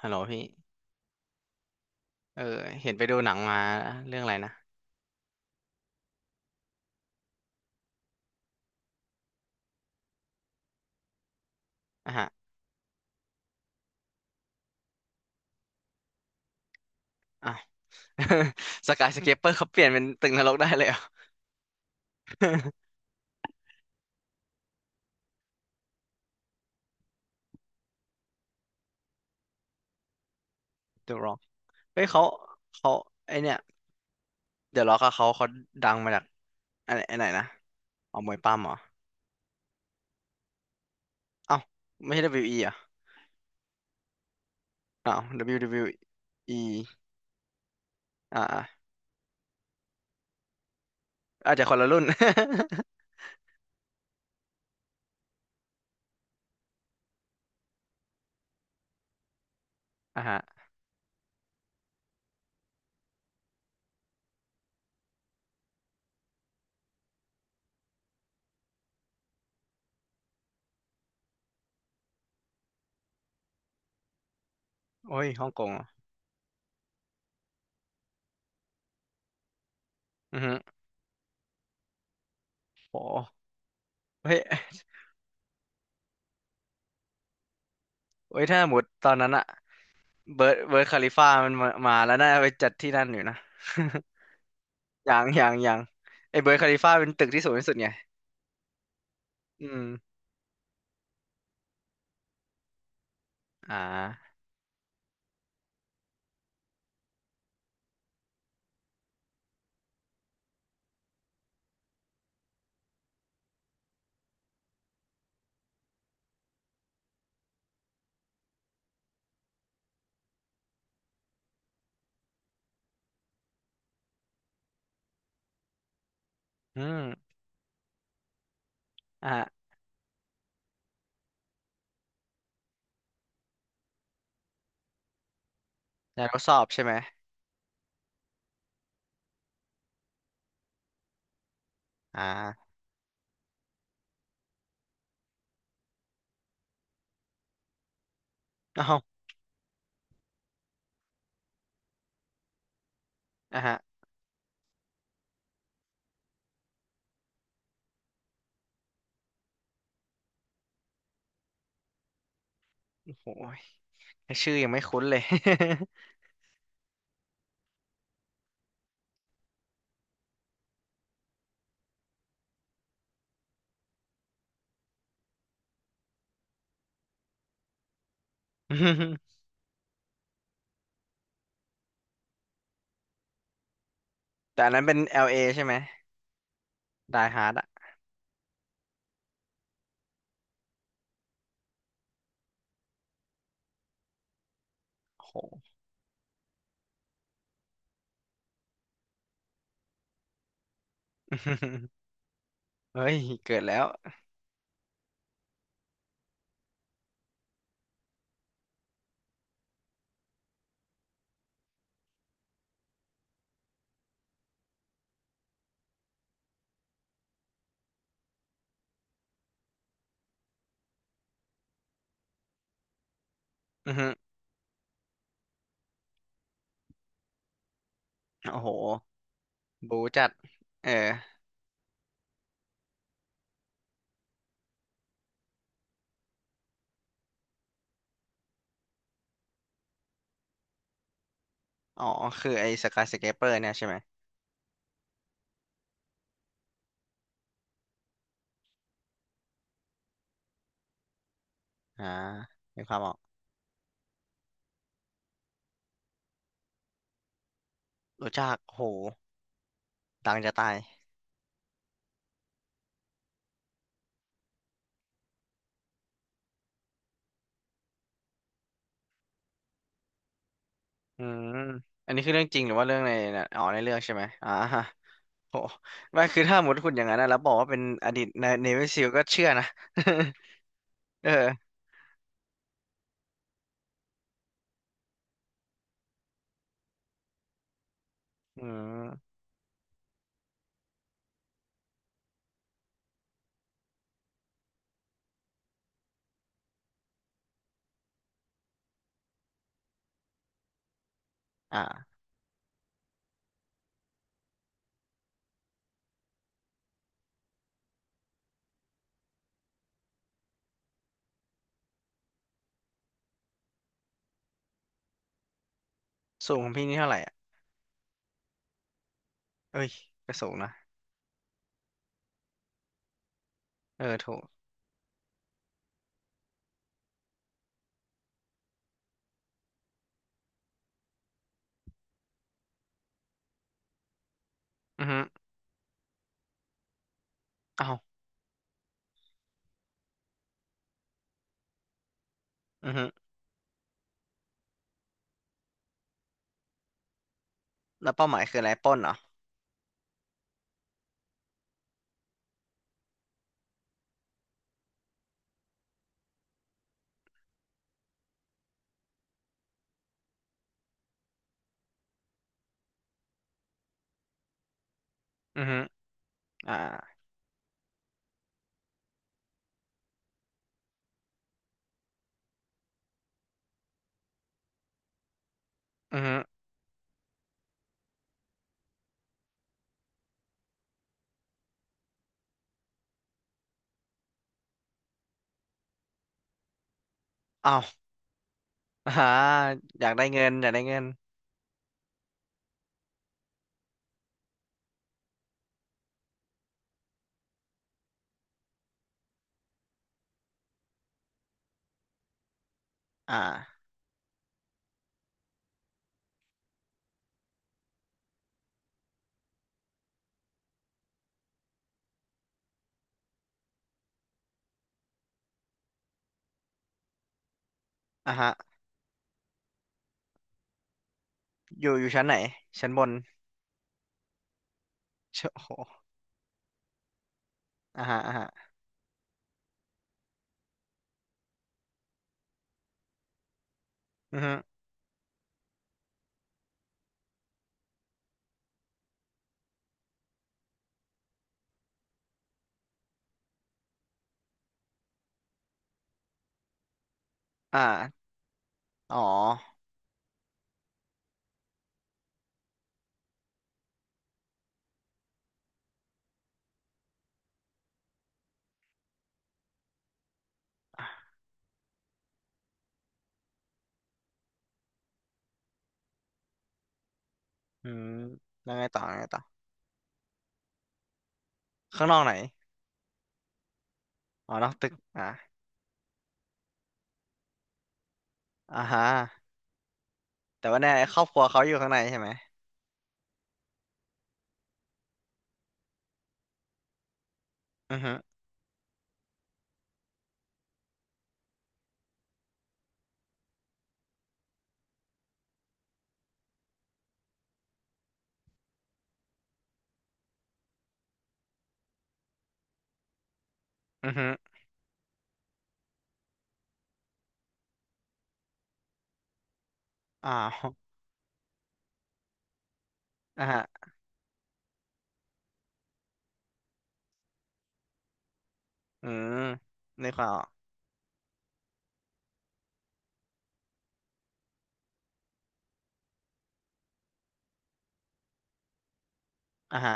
ฮัลโหลพี่เออเห็นไปดูหนังมาเรื่องอะไรนะอ่ะฮะอ่ะ สกายส เคปเปอร์เขาเปลี่ยนเป็นตึกนรกได้เลยเหรอ เดอะร็อ กเฮ้ยเขาไอเนี่ยเดอะร็อกอะเขาดังมาจากอันไอัไหนนะเอามวยปั้มเหรอเอ้าไม่ใช่ w e เบิลยูอีเหรอ่ะอ้าว WWE ออ่าอะอาจจะคนละรุ่น อ่ะฮะโอ้ยฮ่องกงเหรออือฮึโอ้เฮ้ยเฮ้ยถ้าหมดตอนนั้นอะเบิร์ดคาลิฟ่ามันมาแล้วน่าไปจัดที่นั่นอยู่นะ อย่างไอ้เบอร์ a คาลิฟาเป็นตึกที่สูงที่สุดไงอืมอ่าอืมอ่าอยากทดสอบใช่ไหมอ่าเอ้าอ่าฮะโอ้โหชื่อยังไม่คุ้นเลย แต่อันนั้นเป็น LA ใช่ไหมไดฮาร์ดอะโอ้โห เฮ้ย เกิดแล้วอือฮึโอ้โหบูจัดเอออ๋อ คือไอ้สกายสเคเปอร์เนี่ยใช่ไหมอ่ามีความออกรู้จักโอ้โหดังจะตายอืมอันนี้คือเรื่องจริงหรือว่าเรื่องในน่ะอ๋อในเรื่องใช่ไหมอ่า โหไม่คือถ้าสมมติคุณอย่างนั้นนะแล้วบอกว่าเป็นอดีตในเนวิซิลก็เชื่อนะ เอออืมอ่าสูงของพี่นี่เท่าไหร่อ่ะเอ้ยก็สูงนะเออถูกอือฮึเอ้าอือฮึแล้วเป้าหมายคืออะไรปล้นเหรออือฮึอ่าอือฮึเอ้าอ่าอยากได้เงินอยากได้เงินอ่าอ่าฮะอยู่อยู่ชั้นไหนชั้นบนเชโอ้โหอ่าฮะอ่าฮะอือฮึอ่าอ๋ออ่ะอืมแล้วไงต่อแล้วไงต่อข้างนอกไหนอ๋อนอกตึกอ่าอ่าฮะ แต่ว่าเนี่ยครอบครัวเขาอยู่ข้างในใช่ไหมอือฮึอือฮึอ้าวอ่ะฮะอืมนึกวาออกอ่ะฮะ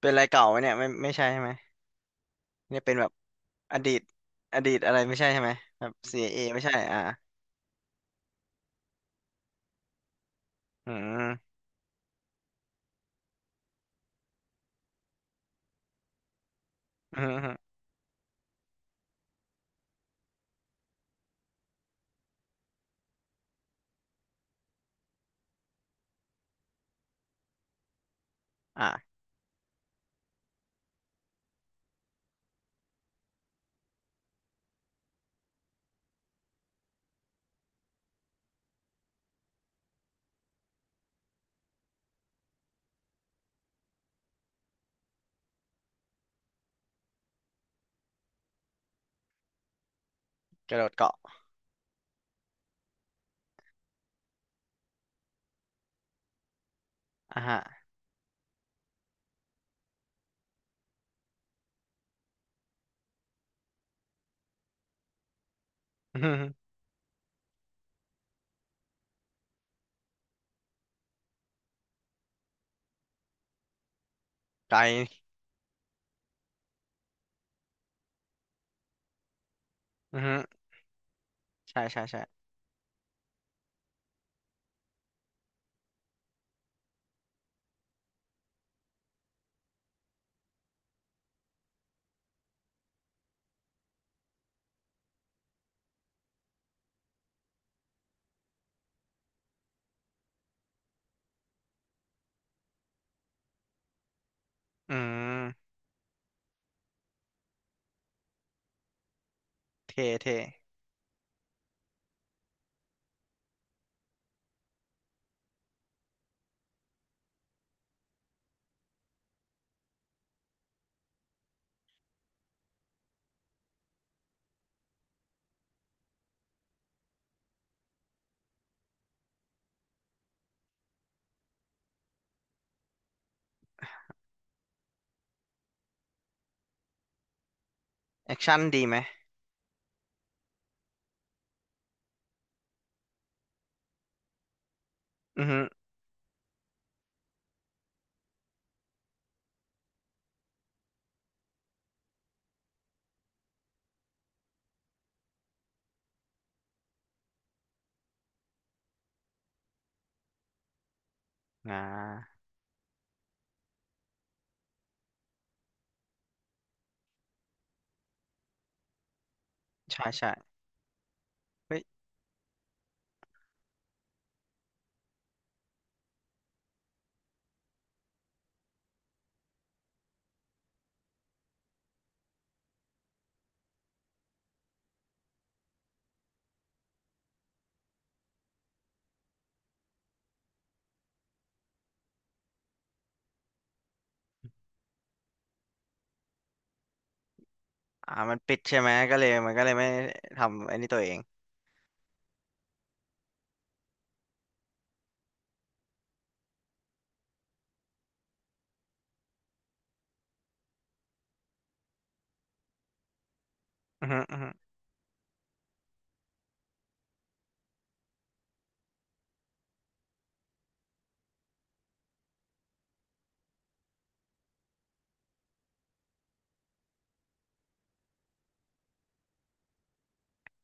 เป็นอะไรเก่าไหมเนี่ยไม่ไม่ใช่ใช่ไหมเนี่ยเป็นแบบอดีตอดีตอะไรไม่ใช่ใช่ไหมแบบ c เอไม่ใช่อ่าอืมอืมอฮึอ่ากระโดดเกาะอ่ะฮะอือฮึไกลอือฮึใช่ใช่ใช่อืมเท่เท่แอคชั่นดีไหมอือฮึอ่าใช่ใช่เฮ้ยอ่ามันปิดใช่ไหมก็เลยมันก็เลยไม่ทำไอันนี้ตัวเองอืมอฮึอืมอฮึ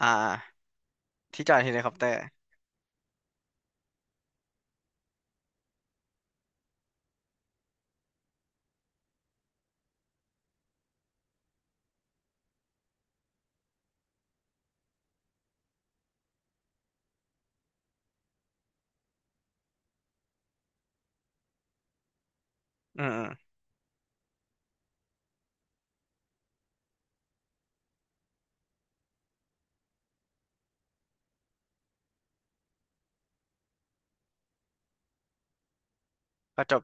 อ่า ที่จอดเฮลิคอปเตอร์อืมอืมก็จบ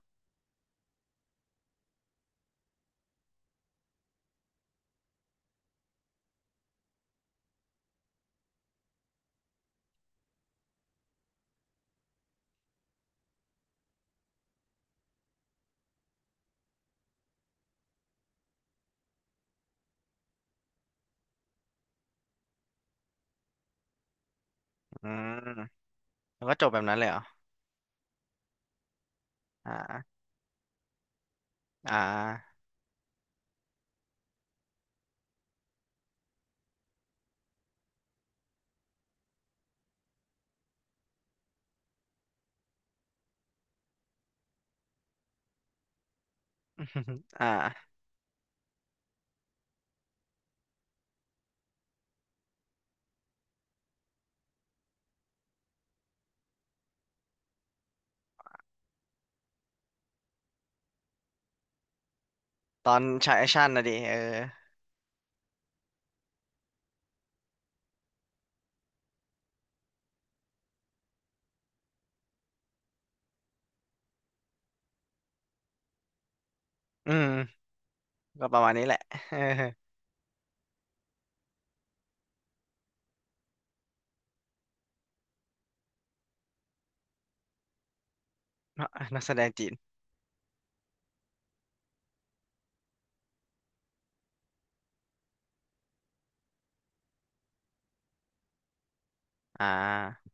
อืมแล้วก็จบแบบนั้นเลยเหรออ่าอ่า อ่าตอนฉายแอคชั่นนะดิเอออืมก็ประมาณนี้แหละ เออนักแสดงจีนอ่า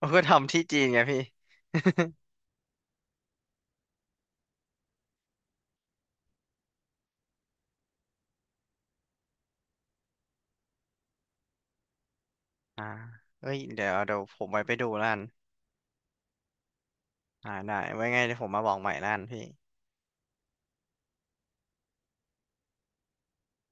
ผมก็ทำที่จีนไงพี่ อ่าเอ้ยเดี๋ยวเดี๋ยวผมไปไปดูล้านอ่าได้ไว้ไงเดี๋ยวผมมาบอกใหม่ล้านพี่